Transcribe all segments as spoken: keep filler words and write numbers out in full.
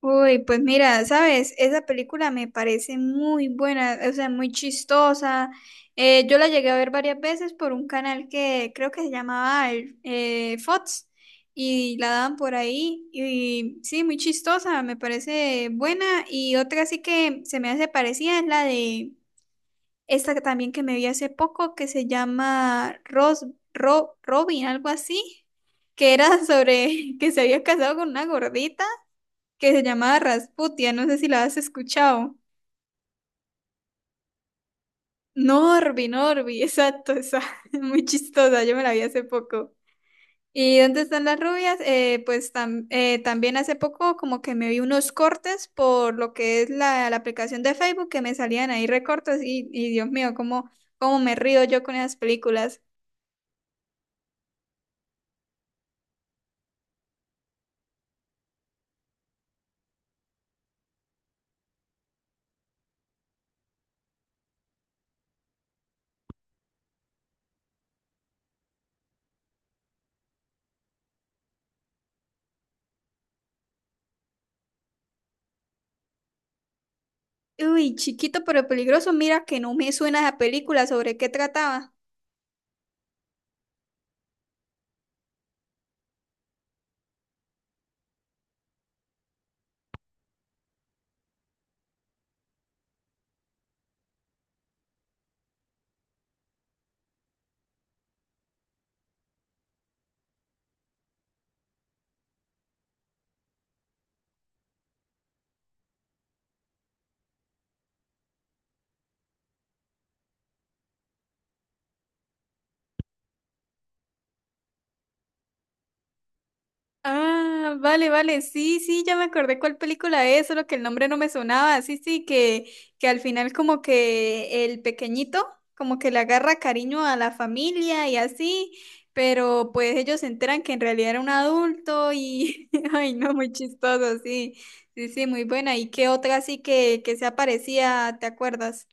Uy, pues mira, sabes, esa película me parece muy buena, o sea, muy chistosa. Eh, yo la llegué a ver varias veces por un canal que creo que se llamaba el, eh, Fox y la daban por ahí. Y sí, muy chistosa, me parece buena. Y otra sí que se me hace parecida es la de esta que también que me vi hace poco que se llama Ros, Ro- Robin, algo así, que era sobre que se había casado con una gordita que se llamaba Rasputia, no sé si la has escuchado. Norby, Norby, exacto, esa, muy chistosa, yo me la vi hace poco. ¿Y dónde están las rubias? Eh, pues tam- eh, también hace poco como que me vi unos cortes por lo que es la, la aplicación de Facebook que me salían ahí recortes y, y Dios mío, cómo, cómo me río yo con esas películas. Uy, chiquito pero peligroso, mira que no me suena esa película, ¿sobre qué trataba? Ah, vale, vale, sí, sí, ya me acordé cuál película es, solo que el nombre no me sonaba, sí, sí, que, que al final como que el pequeñito como que le agarra cariño a la familia y así, pero pues ellos se enteran que en realidad era un adulto y, ay, no, muy chistoso, sí, sí, sí, muy buena. ¿Y qué otra así que, que se aparecía, te acuerdas?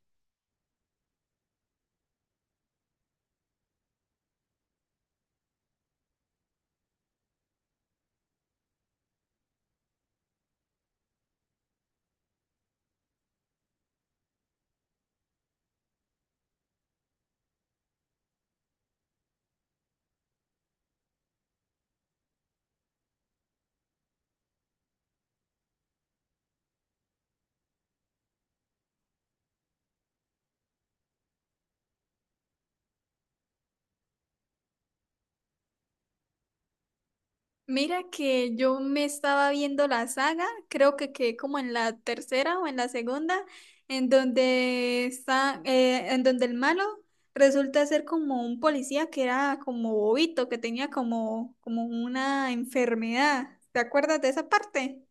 Mira que yo me estaba viendo la saga, creo que quedé como en la tercera o en la segunda, en donde está, eh, en donde el malo resulta ser como un policía que era como bobito, que tenía como, como una enfermedad. ¿Te acuerdas de esa parte?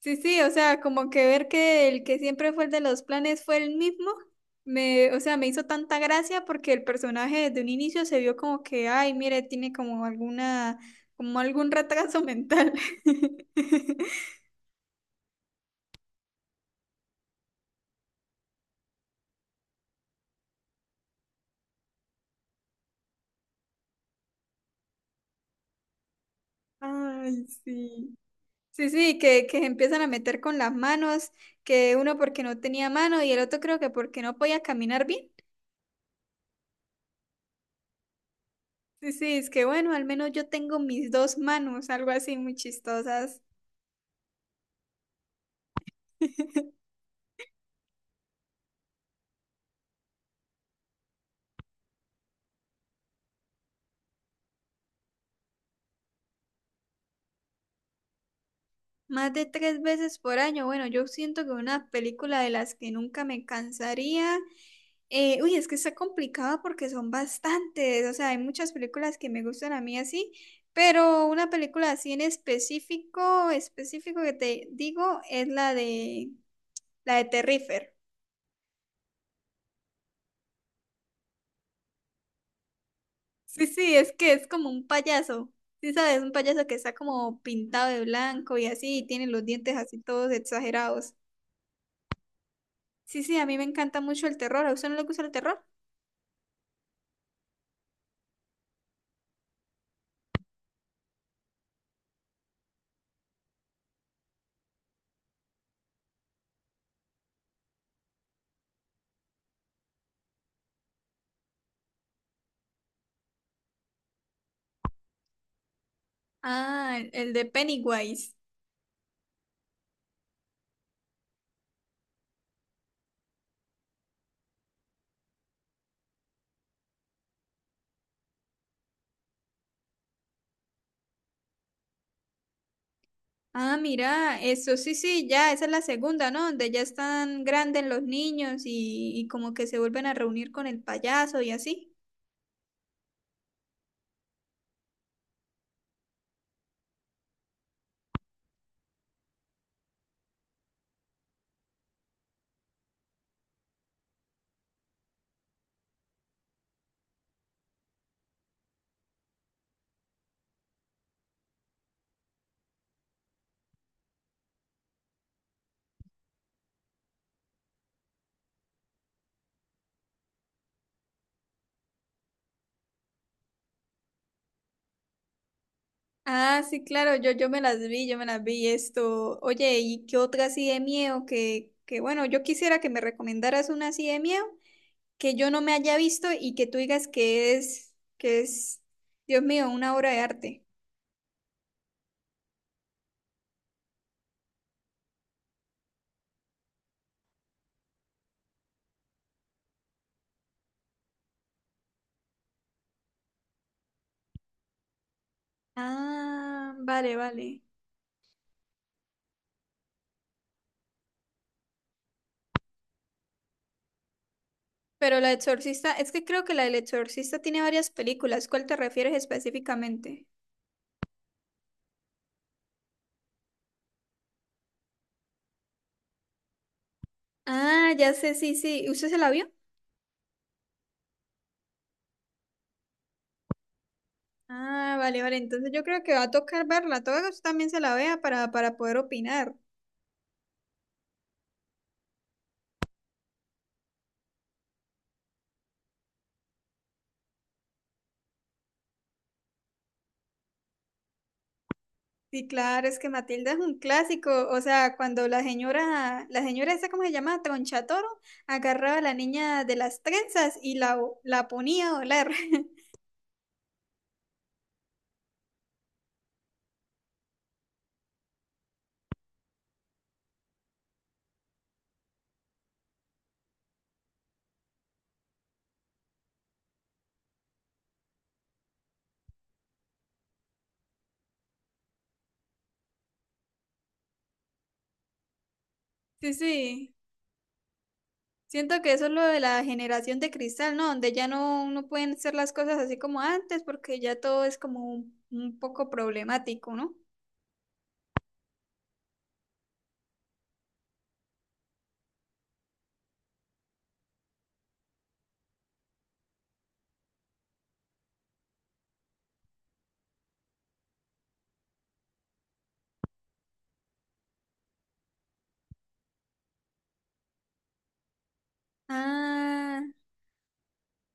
Sí, sí, o sea, como que ver que el que siempre fue el de los planes fue el mismo, me, o sea, me hizo tanta gracia porque el personaje desde un inicio se vio como que, ay, mire, tiene como alguna, como algún retraso mental. Ay, sí. Sí, sí, que, que se empiezan a meter con las manos, que uno porque no tenía mano y el otro creo que porque no podía caminar bien. Sí, sí, es que bueno, al menos yo tengo mis dos manos, algo así muy chistosas. Más de tres veces por año. Bueno, yo siento que una película de las que nunca me cansaría. Eh, uy, es que está complicado porque son bastantes. O sea, hay muchas películas que me gustan a mí así, pero una película así en específico, específico que te digo, es la de la de Terrifier. Sí, sí, es que es como un payaso. Sí, sabes, un payaso que está como pintado de blanco y así, y tiene los dientes así todos exagerados. Sí, sí, a mí me encanta mucho el terror. ¿A usted no le gusta el terror? Ah, el el de Pennywise. Ah, mira, eso sí, sí, ya, esa es la segunda, ¿no? Donde ya están grandes los niños y, y como que se vuelven a reunir con el payaso y así. Ah, sí, claro, yo, yo me las vi, yo me las vi esto. Oye, ¿y qué otra así de miedo? Que, que bueno, yo quisiera que me recomendaras una así de miedo que yo no me haya visto y que tú digas que es, que es, Dios mío, una obra de arte. Ah, vale, vale. Pero La Exorcista, es que creo que la del Exorcista tiene varias películas. ¿Cuál te refieres específicamente? Ah, ya sé, sí, sí. ¿Usted se la vio? Ah, vale, vale. Entonces yo creo que va a tocar verla. Todo que usted también se la vea para, para poder opinar. Sí, claro, es que Matilda es un clásico. O sea, cuando la señora, la señora esa, ¿cómo se llama? Tronchatoro, agarraba a la niña de las trenzas y la, la ponía a volar. Sí, sí. Siento que eso es lo de la generación de cristal, ¿no? Donde ya no, no pueden hacer las cosas así como antes, porque ya todo es como un, un poco problemático, ¿no? Ah,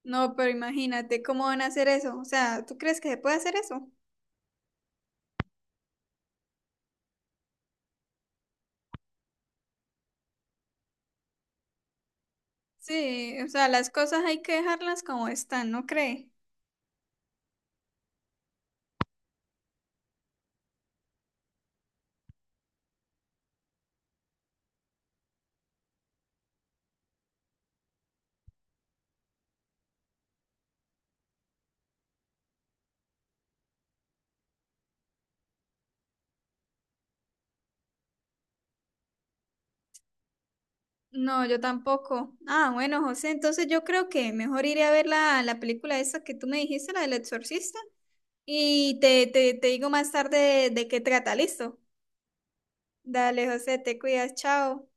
no, pero imagínate cómo van a hacer eso. O sea, ¿tú crees que se puede hacer eso? Sí, o sea, las cosas hay que dejarlas como están, ¿no cree? No, yo tampoco. Ah, bueno, José, entonces yo creo que mejor iré a ver la, la película esa que tú me dijiste, la del exorcista, y te, te, te digo más tarde de, de qué trata, ¿listo? Dale, José, te cuidas, chao.